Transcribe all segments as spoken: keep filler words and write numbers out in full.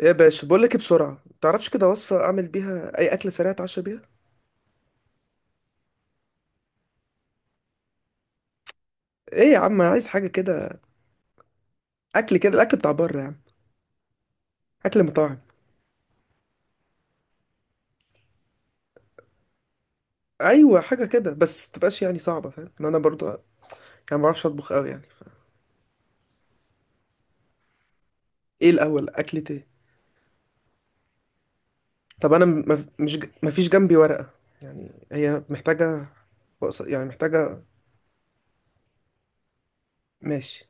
ايه يا باشا، بقول لك إيه؟ بسرعه، تعرفش كده وصفه اعمل بيها اي اكله سريعه اتعشى بيها؟ ايه يا عم، عايز حاجه كده. اكل كده، الاكل بتاع بره يعني. اكل مطاعم. ايوه، حاجه كده، بس تبقاش يعني صعبه، فاهم ان انا برضو يعني ما بعرفش اطبخ قوي يعني. ايه الاول، اكلة ايه؟ طب انا م- مف- مش ج... مفيش جنبي ورقه، يعني هي محتاجه، وقص- يعني محتاجه. ماشي.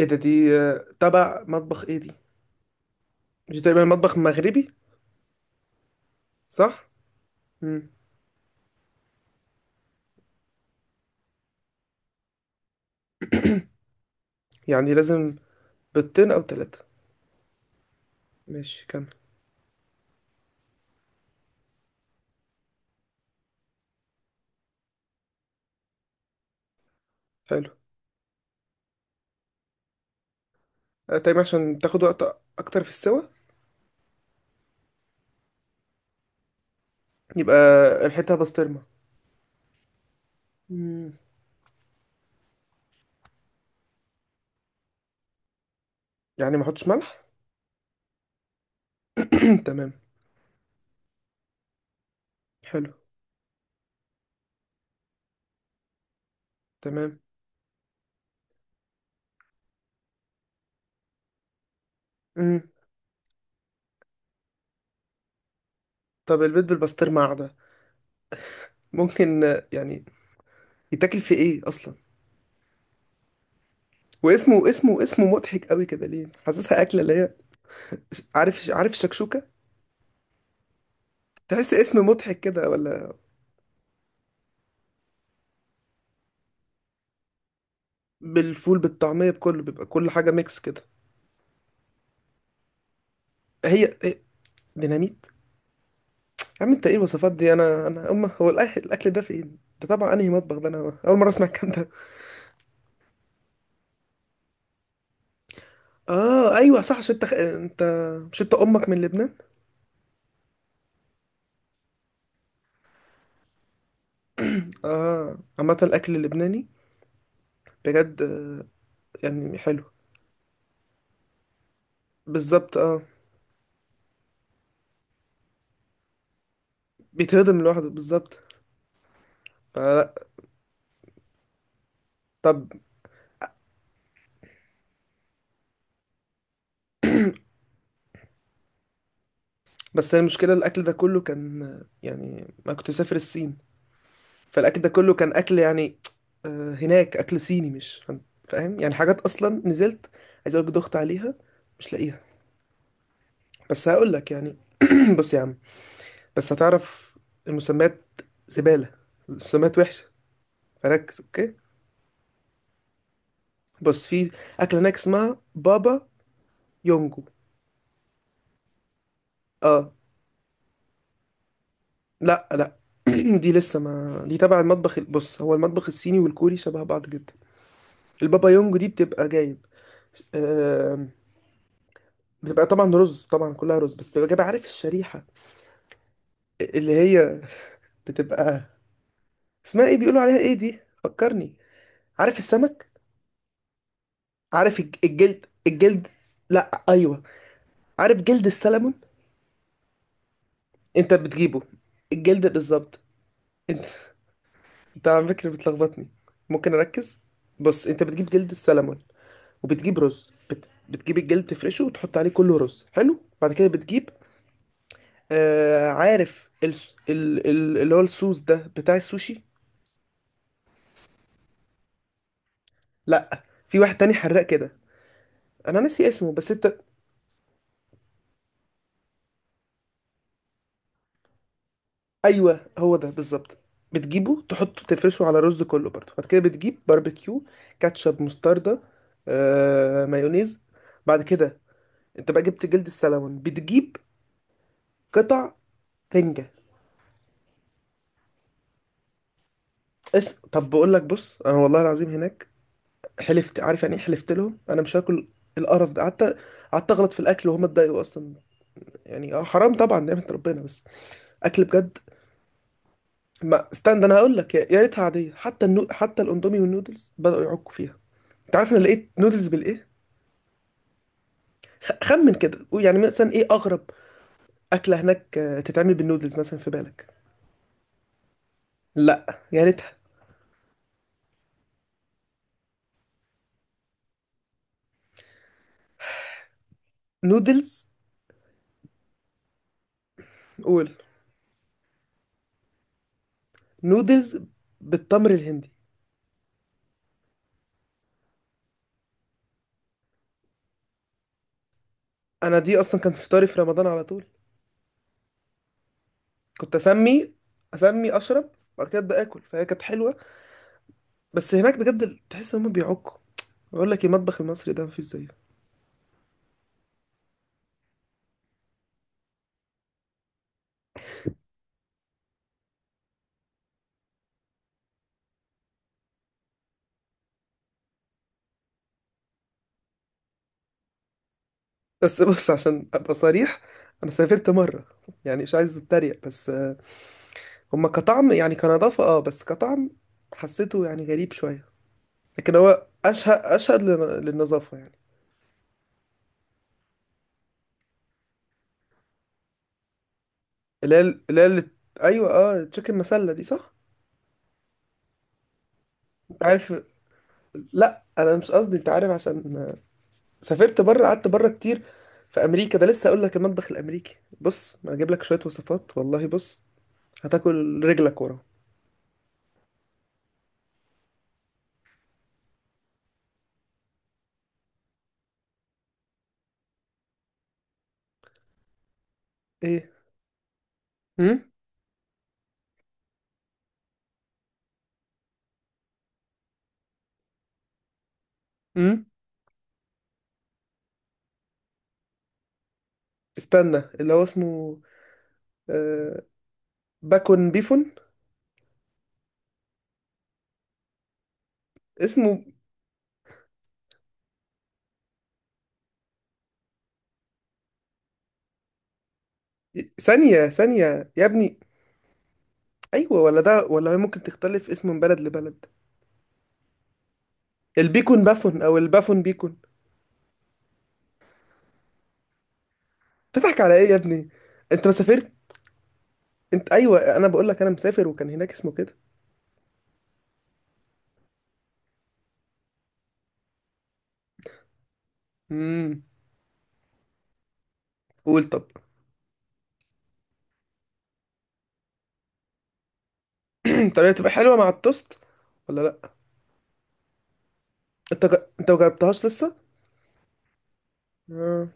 ايه ده، دي آه، تبع مطبخ ايه دي؟ مش تقريبا مطبخ مغربي؟ صح. امم. يعني لازم. بيضتين او ثلاثه. ماشي، كمل. حلو. تايم، عشان تاخد وقت اكتر في السوا. يبقى ريحتها بسطرمه. مم. يعني ما احطش ملح؟ تمام. حلو. تمام. مم. طب البيض بالبسطرمه قاعده ممكن آه، يعني يتاكل في ايه اصلا؟ واسمه اسمه اسمه مضحك قوي كده، ليه حاسسها اكله اللي هي ش- عارف عارف الشكشوكه، تحس اسم مضحك كده ولا؟ بالفول بالطعميه بكله، بيبقى كل حاجه ميكس كده. هي هي ديناميت. يا عم، انت ايه الوصفات دي؟ انا انا امه هو الأكل الأكل ده فين ده؟ طبعا انهي مطبخ ده؟ انا اول مره اسمع الكلام ده. اه ايوه صح، عشان انت انت، مش انت امك من لبنان؟ اه، عامه الاكل اللبناني بجد آه، يعني حلو. بالظبط اه. بيتهضم لوحده بالظبط، فلا. طب بس المشكله الاكل ده كله كان آه، يعني ما كنت مسافر الصين. فالاكل ده كله كان اكل يعني آه، هناك اكل صيني، مش فاهم؟ فاهم؟ يعني حاجات اصلا نزلت، عايز اقولك دخت عليها مش لاقيها. بس هقول لك يعني بص يا عم، بس هتعرف المسميات زباله، مسميات وحشه، فركز اوكي. بص، في أكلة هناك اسمها بابا يونجو. اه. لا لا. دي لسه ما دي تبع المطبخ ال- بص، هو المطبخ الصيني والكوري شبه بعض جدا. البابا يونجو دي بتبقى جايب آم، بتبقى طبعا رز، طبعا كلها رز، بس بتبقى جايب. عارف الشريحة اللي هي بتبقى اسمها ايه؟ بيقولوا عليها ايه دي؟ فكرني. عارف السمك، عارف الج- الجلد الجلد، لا ايوه، عارف جلد السلمون. انت بتجيبه الجلد بالظبط. انت انت على فكرة بتلخبطني، ممكن اركز. بص، انت بتجيب جلد السلمون وبتجيب رز بت... بتجيب الجلد تفرشه وتحط عليه كله رز. حلو. بعد كده بتجيب آه عارف الس... ال... ال... اللي هو الصوص ده بتاع السوشي. لا، في واحد تاني حراق كده. انا ناسي اسمه، بس انت ايوه هو ده بالظبط. بتجيبه تحطه تفرشه على الرز كله برضه. بعد كده بتجيب باربيكيو، كاتشب، مستردة، آه... مايونيز. بعد كده انت بقى جبت جلد السلمون، بتجيب قطع رنجة. اس طب بقول لك بص، انا والله العظيم هناك حلفت، عارف يعني ايه حلفت لهم، انا مش هاكل القرف ده. قعدت قعدت اغلط في الاكل، وهم اتضايقوا اصلا يعني، اه حرام طبعا نعمه ربنا، بس اكل بجد. ما استنى، انا هقول لك، يا يا ريتها عاديه، حتى النو... حتى الاندومي والنودلز بداوا يعكوا فيها. انت عارف انا لقيت نودلز بالايه؟ خ- خمن كده، قول يعني مثلا ايه اغرب اكله هناك آه، تتعمل بالنودلز مثلا في بالك؟ لا يا ريتها. نودلز. قول. نودلز بالتمر الهندي. انا دي اصلا كان فطاري في رمضان على طول. كنت اسمي اسمي اشرب، بعد كده ابدا اكل، فهي كانت حلوه. بس هناك بجد تحس ان هم بيعكوا، بقول لك المطبخ المصري ده مفيش زيه. بس بص، عشان ابقى صريح، انا سافرت مره، يعني مش عايز اتريق بس آه، هما كطعم يعني، كنظافه اه، بس كطعم حسيته يعني غريب شويه، لكن هو اشهد اشهد لن- للنظافه يعني. اللي هي اللي هي اللي- ايوه، اه تشيكن مسله دي صح. انت عارف، لا انا مش قصدي، انت عارف عشان سافرت بره، قعدت بره كتير. في امريكا ده لسه اقول لك، المطبخ الامريكي بص انا اجيب لك شويه وصفات والله، بص هتاكل رجلك ورا. ايه. امم. امم. استنى، اللي هو اسمه آه باكون بيفون. اسمه، ثانيه ثانيه يا ابني، ايوه ولا ده ولا ممكن تختلف اسمه من بلد لبلد؟ البيكون بافون او البافون بيكون. تضحك على ايه يا ابني؟ انت ما سافرت، انت ايوه، انا بقول لك انا مسافر وكان هناك اسمه كده. امم. قول طب. طب هي تبقى حلوه مع التوست ولا لا؟ انت ج... انت مجربتهاش لسه؟ اه.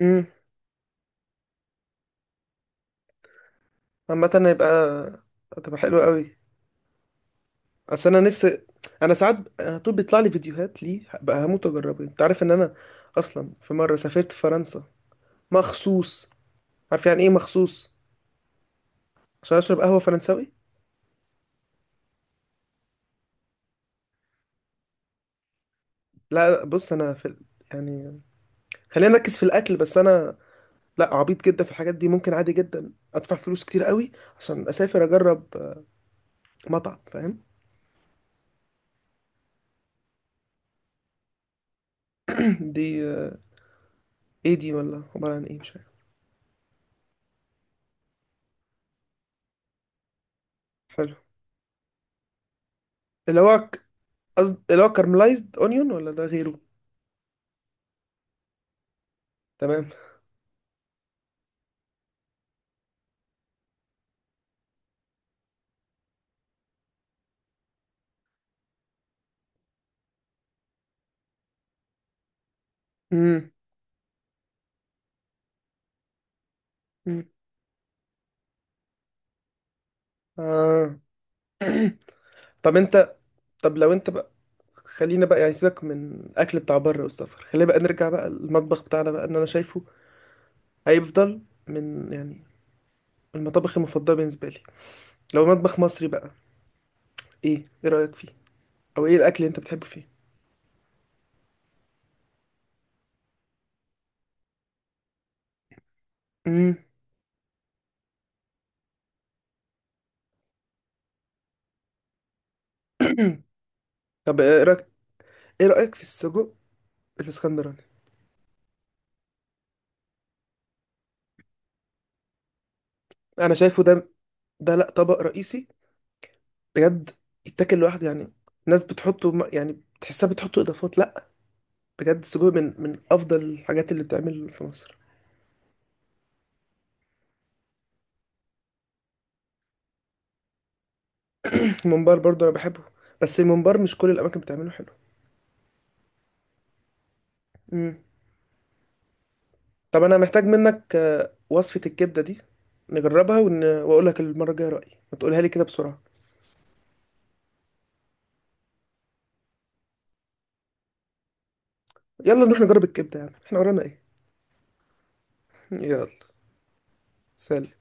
امم. عامه هيبقى هتبقى حلوه قوي. اصل انا نفسي، انا ساعات ب- على طول بيطلع لي فيديوهات، ليه بقى هموت اجربه. انت عارف ان انا اصلا في مره سافرت فرنسا مخصوص، عارف يعني ايه مخصوص؟ عشان اشرب قهوه فرنساوي. لا لا، بص انا في ال... يعني خلينا نركز في الاكل. بس انا لا عبيط جدا في الحاجات دي، ممكن عادي جدا ادفع فلوس كتير قوي عشان اسافر اجرب آه، مطعم، فاهم؟ دي آه، ايه دي ولا عباره عن ايه، مش عارف. حلو. اللي هو قصد اللي هو كارملايزد اونيون ولا ده غيره؟ تمام. امم. أمم. اه، طب انت، طب لو انت بقى، خلينا بقى يعني سيبك من الاكل بتاع بره والسفر، خلينا بقى نرجع بقى المطبخ بتاعنا بقى، ان انا شايفه هيفضل من يعني المطابخ المفضله بالنسبه لي. لو مطبخ مصري بقى، ايه ايه رايك فيه؟ او ايه الاكل اللي انت بتحبه فيه؟ امم. طب ايه رايك، ايه رايك في السجق الاسكندراني؟ انا شايفه ده، ده لا، طبق رئيسي بجد يتاكل لوحده يعني. ناس بتحطه م- يعني تحسها بتحطه اضافات، لا، بجد السجق من من افضل الحاجات اللي بتعمل في مصر. الممبار برضو انا بحبه، بس الممبار مش كل الاماكن بتعمله حلو. امم. طب انا محتاج منك آه، وصفة الكبدة دي، نجربها ون... واقول لك المرة الجاية رأيي، ما تقولها لي كده بسرعة. يلا نروح نجرب الكبدة، يعني احنا ورانا ايه؟ يلا. سلام.